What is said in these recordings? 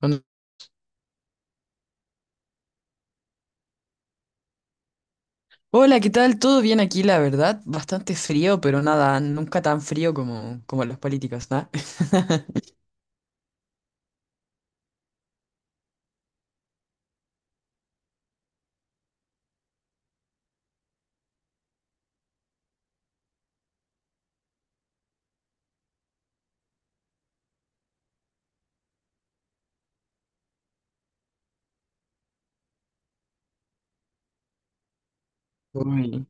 Con- Hola, ¿qué tal? ¿Todo bien aquí, la verdad? Bastante frío, pero nada, nunca tan frío como, como los políticos, ¿no? Uy.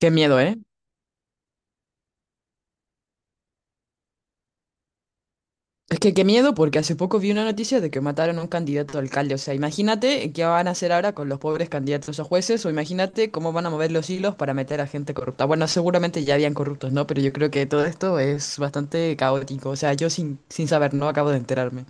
Qué miedo, ¿eh? Es que qué miedo porque hace poco vi una noticia de que mataron a un candidato a alcalde. O sea, imagínate qué van a hacer ahora con los pobres candidatos a jueces o imagínate cómo van a mover los hilos para meter a gente corrupta. Bueno, seguramente ya habían corruptos, ¿no? Pero yo creo que todo esto es bastante caótico. O sea, yo sin saber, no acabo de enterarme.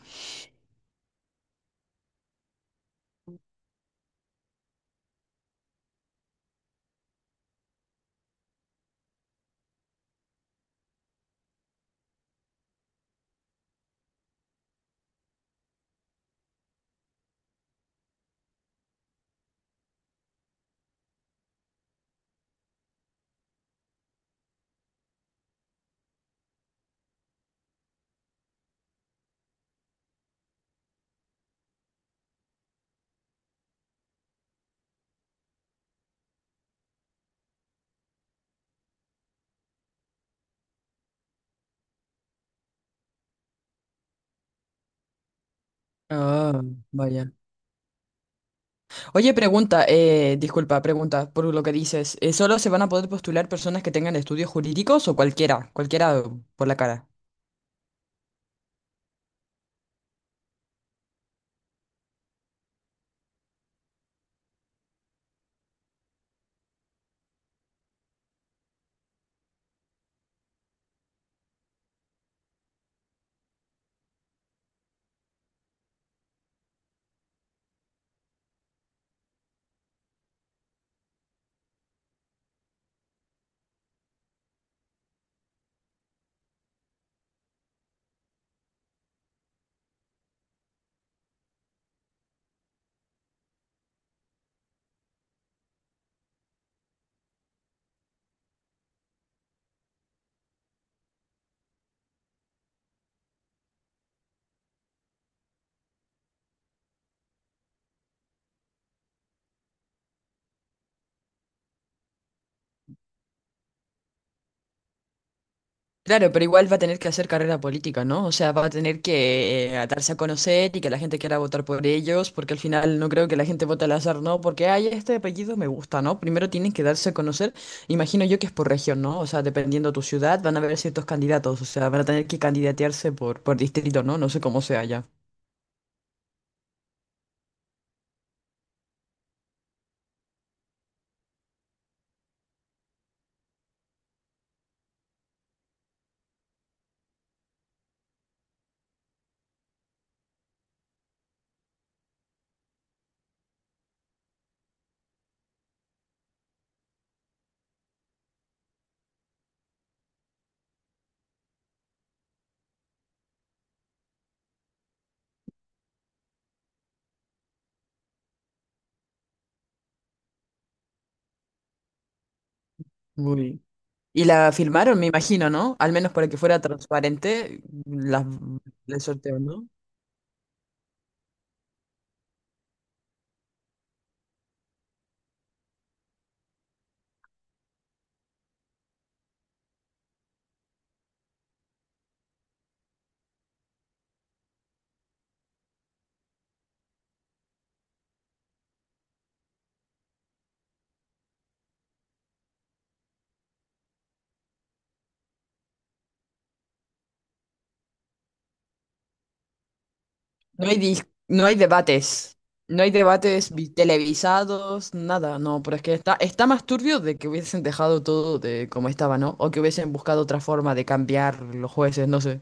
Ah, vaya. Oye, pregunta, disculpa, pregunta por lo que dices. ¿Solo se van a poder postular personas que tengan estudios jurídicos o cualquiera? Cualquiera por la cara. Claro, pero igual va a tener que hacer carrera política, ¿no? O sea, va a tener que darse a conocer y que la gente quiera votar por ellos, porque al final no creo que la gente vote al azar, ¿no? Porque, ay, este apellido me gusta, ¿no? Primero tienen que darse a conocer, imagino yo que es por región, ¿no? O sea, dependiendo tu ciudad, van a haber ciertos candidatos, o sea, van a tener que candidatearse por distrito, ¿no? No sé cómo sea ya. Muy. Y la filmaron, me imagino, ¿no? Al menos para que fuera transparente, la, el sorteo, ¿no? No hay, no hay debates. No hay debates televisados, nada, no, pero es que está, está más turbio de que hubiesen dejado todo de como estaba, ¿no? O que hubiesen buscado otra forma de cambiar los jueces, no sé.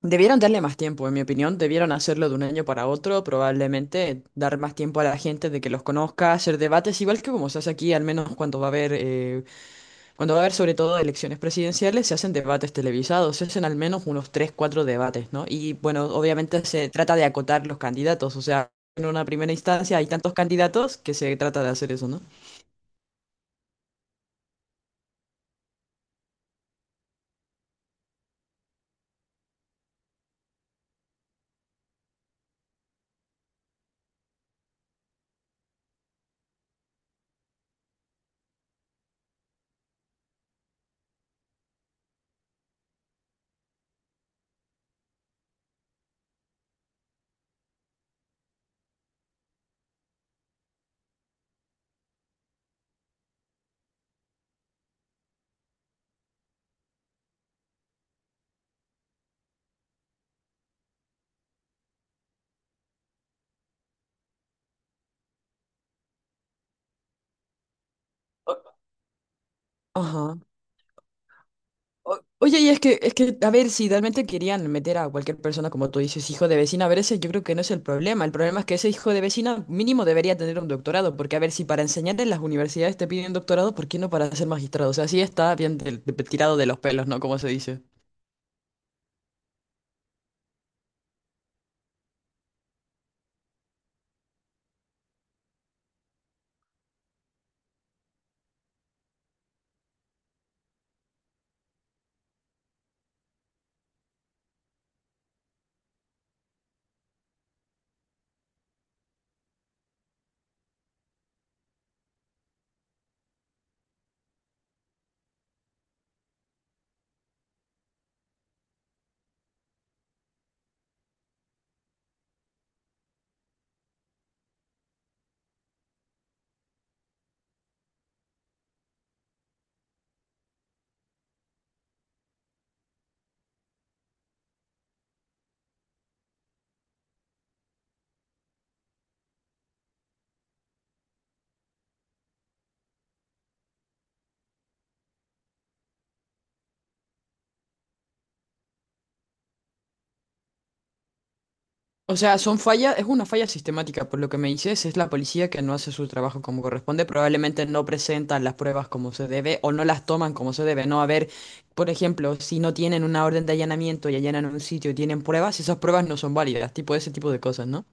Debieron darle más tiempo, en mi opinión, debieron hacerlo de un año para otro, probablemente dar más tiempo a la gente de que los conozca, hacer debates, igual que como se hace aquí, al menos cuando va a haber cuando va a haber sobre todo elecciones presidenciales, se hacen debates televisados, se hacen al menos unos 3, 4 debates, ¿no? Y bueno, obviamente se trata de acotar los candidatos, o sea, en una primera instancia hay tantos candidatos que se trata de hacer eso, ¿no? O- Ajá. O- Oye, y es que, a ver, si realmente querían meter a cualquier persona, como tú dices, hijo de vecina, a ver, ese yo creo que no es el problema. El problema es que ese hijo de vecina mínimo debería tener un doctorado, porque a ver, si para enseñar en las universidades te piden doctorado, ¿por qué no para ser magistrado? O sea, sí está bien tirado de los pelos, ¿no? Como se dice. O sea, son fallas, es una falla sistemática, por lo que me dices, es la policía que no hace su trabajo como corresponde, probablemente no presentan las pruebas como se debe o no las toman como se debe, ¿no? A ver, por ejemplo, si no tienen una orden de allanamiento y allanan un sitio y tienen pruebas, esas pruebas no son válidas, tipo ese tipo de cosas, ¿no?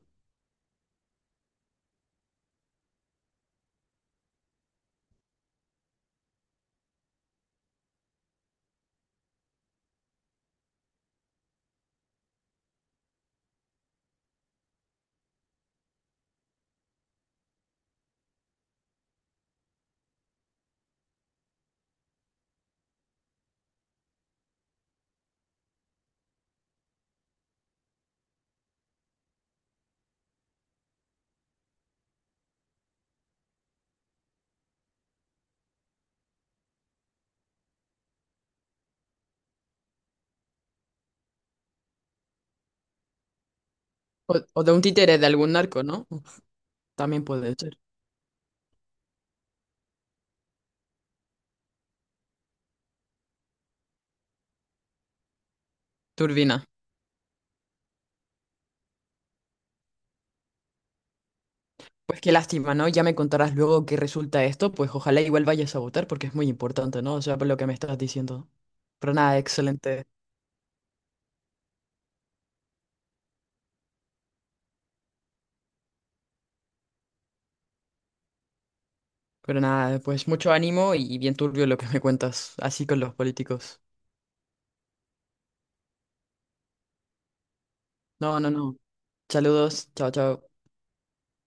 O de un títere de algún narco, ¿no? También puede ser. Turbina. Pues qué lástima, ¿no? Ya me contarás luego qué resulta esto, pues ojalá igual vayas a votar porque es muy importante, ¿no? O sea, por lo que me estás diciendo. Pero nada, excelente. Pero nada, pues mucho ánimo y bien turbio lo que me cuentas, así con los políticos. No, no, no. Saludos, chao, chao.